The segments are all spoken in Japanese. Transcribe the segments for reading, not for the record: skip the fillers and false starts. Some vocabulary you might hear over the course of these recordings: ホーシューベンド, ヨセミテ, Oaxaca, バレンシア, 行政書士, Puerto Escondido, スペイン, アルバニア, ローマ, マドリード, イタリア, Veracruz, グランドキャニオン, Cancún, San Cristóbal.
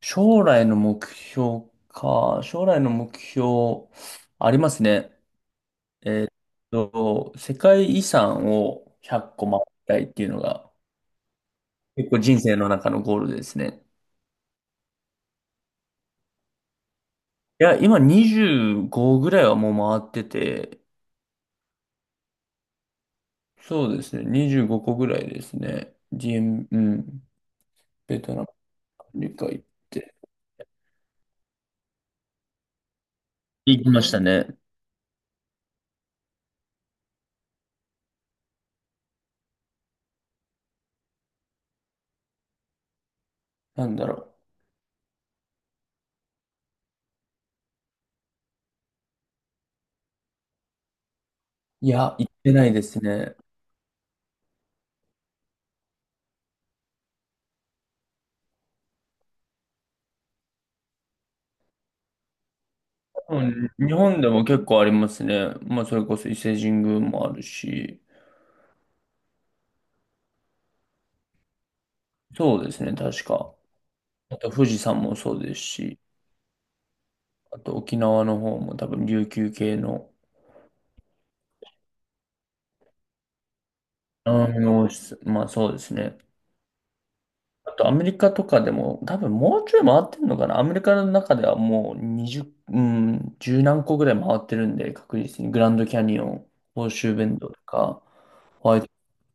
将来の目標か。将来の目標、ありますね。えーっ世界遺産を100個回りたいっていうのが、結構人生の中のゴールですね。いや、今25ぐらいはもう回ってて、そうですね、25個ぐらいですね。うん、ベトナム、アメリカ行って。行きましたね。なんだろう。いや、行ってないですね。うん、日本でも結構ありますね。まあ、それこそ伊勢神宮もあるし、そうですね、確か。あと富士山もそうですし、あと沖縄の方も多分琉球系の、あの、まあそうですね。あとアメリカとかでも多分もうちょい回ってるのかな。アメリカの中ではもう20、うん、十何個ぐらい回ってるんで、確実にグランドキャニオン、ホーシューベンドとか、ホワイ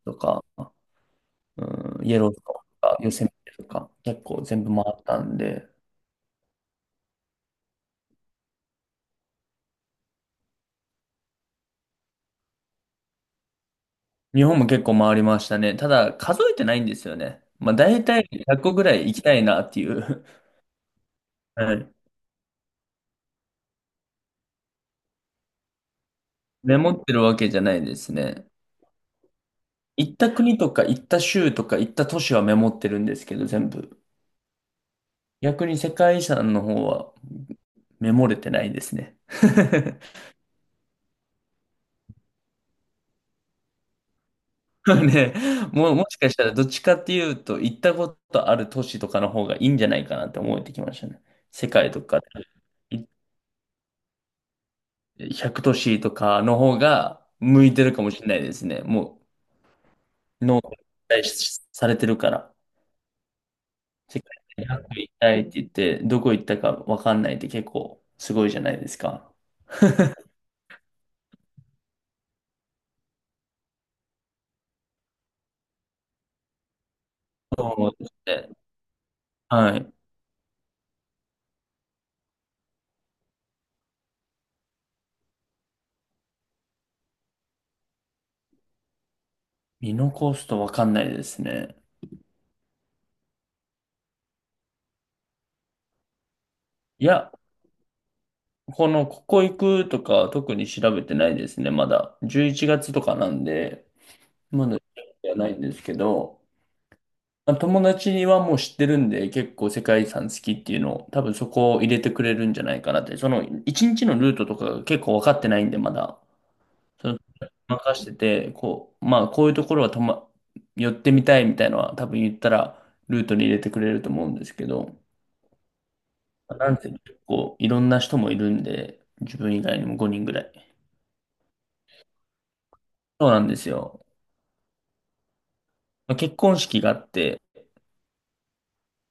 トとか、うん、イエローとか、ヨセミテとか、結構全部回ったんで、日本も結構回りましたね。ただ、数えてないんですよね。まあ、大体100個ぐらい行きたいなっていう。はい。メモってるわけじゃないですね。行った国とか行った州とか行った都市はメモってるんですけど、全部。逆に世界遺産の方はメモれてないですね。ね、もう、もしかしたらどっちかっていうと、行ったことある都市とかの方がいいんじゃないかなって思えてきましたね。世界とかで。100都市とかの方が向いてるかもしれないですね。もう、脳が期待しされてるから。世界で100行きたいって言って、どこ行ったかわかんないって結構すごいじゃないですか。そうですね。はい。見残すとわかんないですね。いや、この、ここ行くとか特に調べてないですね、まだ。11月とかなんで、まだ調べてはないんですけど、まあ友達にはもう知ってるんで、結構世界遺産好きっていうのを、多分そこを入れてくれるんじゃないかなって。その、一日のルートとかが結構分かってないんで、まだ。任してて、こう、まあ、こういうところは寄ってみたいみたいなのは、多分言ったら、ルートに入れてくれると思うんですけど、なんせ結構いろんな人もいるんで、自分以外にも5人ぐらい。そうなんですよ。まあ結婚式があって、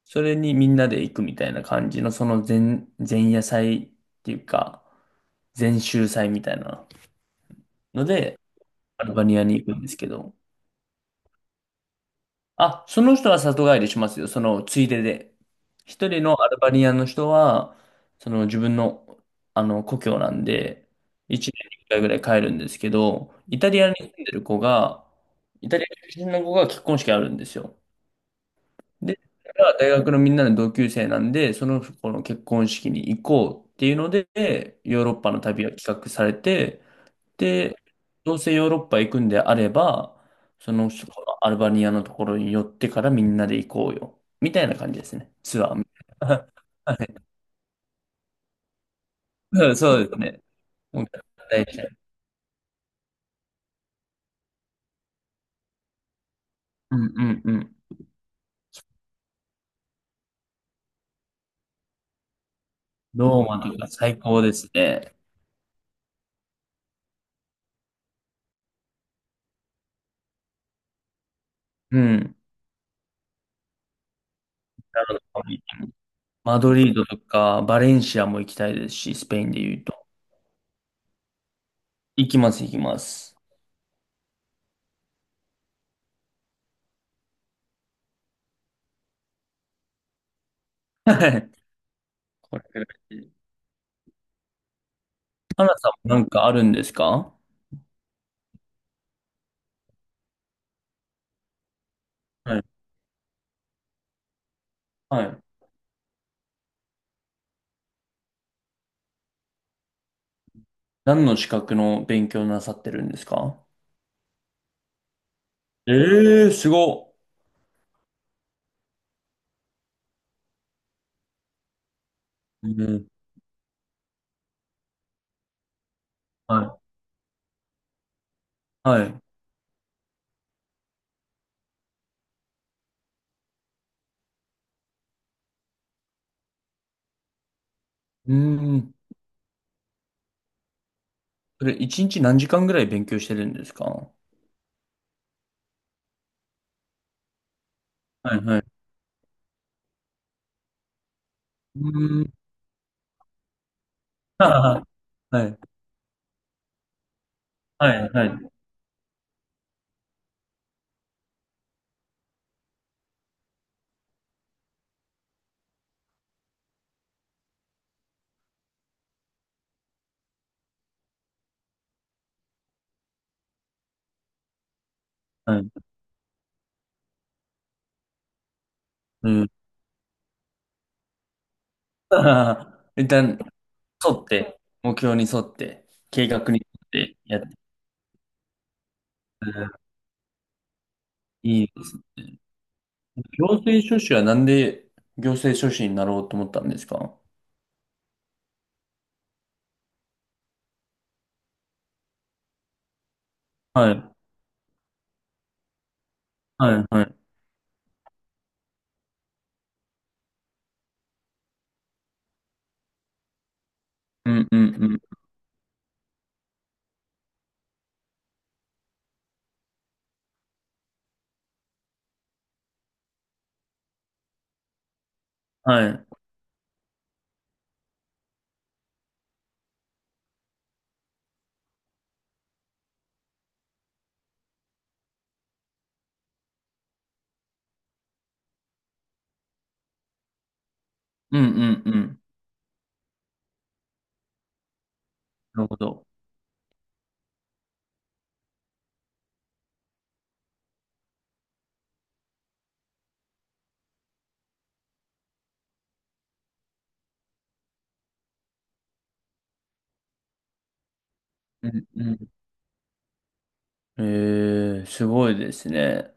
それにみんなで行くみたいな感じの、前夜祭っていうか、禅宗祭みたいなので、アルバニアに行くんですけど、あ、その人は里帰りしますよ、そのついでで。一人のアルバニアの人は、その自分の、あの故郷なんで、一年に一回ぐらい帰るんですけど、イタリアに住んでる子が、イタリア出身の子が結婚式あるんですよ。で、それは大学のみんなの同級生なんで、その子の結婚式に行こうっていうので、ヨーロッパの旅が企画されて、で、どうせヨーロッパ行くんであれば、その、そこのアルバニアのところに寄ってからみんなで行こうよ。みたいな感じですね。ツアー。はい。そうそうですね。もう大事。うんうんうん。ローマとか最高ですね。うん。なるほど。マドリードとかバレンシアも行きたいですし、スペインで言うと。行きます、行きます。はい。これくらい。花さんもなんかあるんですか？はい。はい。何の資格の勉強なさってるんですか？ええ、すごっ。うん。はい。はい。うん。それ、一日何時間ぐらい勉強してるんですか？はいはい。うん。はい。はい。はいはい。はい。うん。ははは一旦、沿って、目標に沿って、計画に沿ってやって。うん。いいですね。行政書士はなんで行政書士になろうと思ったんですか？はい。はいはい。うんうんうん。はい。うんうんうん。なるほど。うんうん。ええ、すごいですね。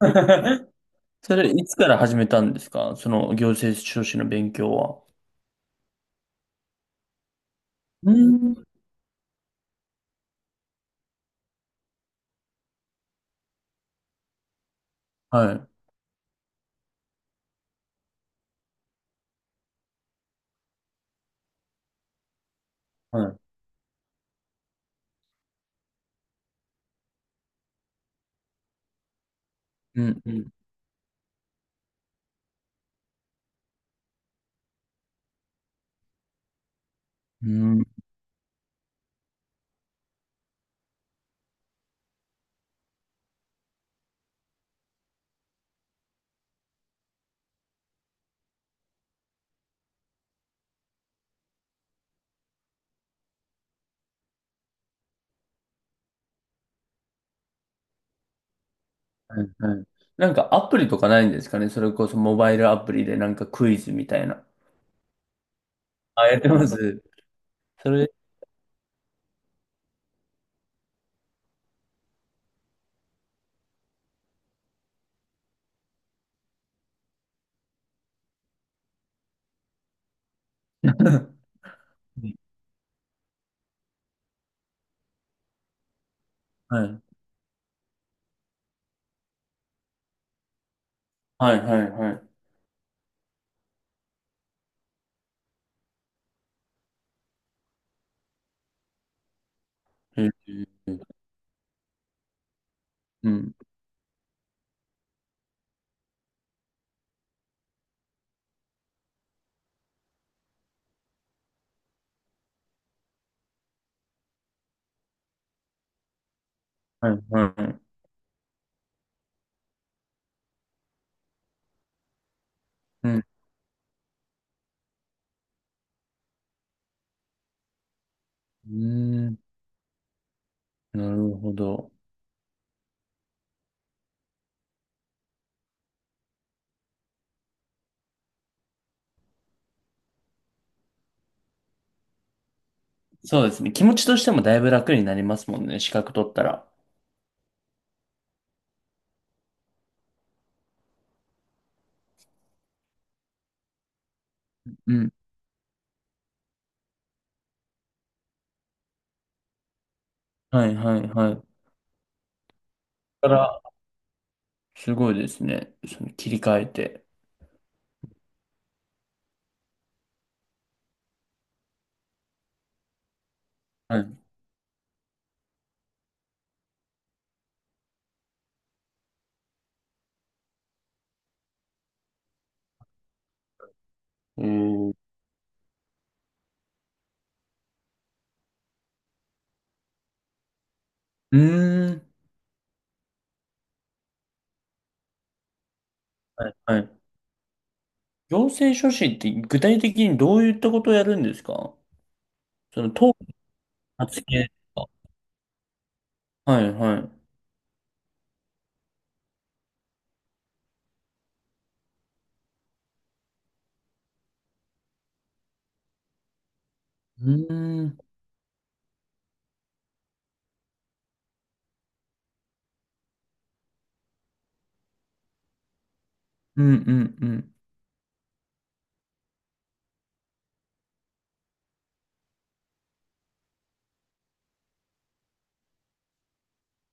それ、いつから始めたんですかその行政書士の勉強は。うん。はい。はい。うん、うん、うん。はいはい。なんかアプリとかないんですかね？それこそモバイルアプリでなんかクイズみたいな。あ、やってます？それ、はい。はい、はい、はい。えー。うん。はい、はい。はい。うん。うん。なるほど。そうですね。気持ちとしてもだいぶ楽になりますもんね。資格取ったら。うん。はいはいはい。だから、すごいですね。その切り替えて。はい。えー、うーん。はいはい。行政書士って具体的にどういったことをやるんですか？その党の発言とか。はいはい。うーん。うんうんうん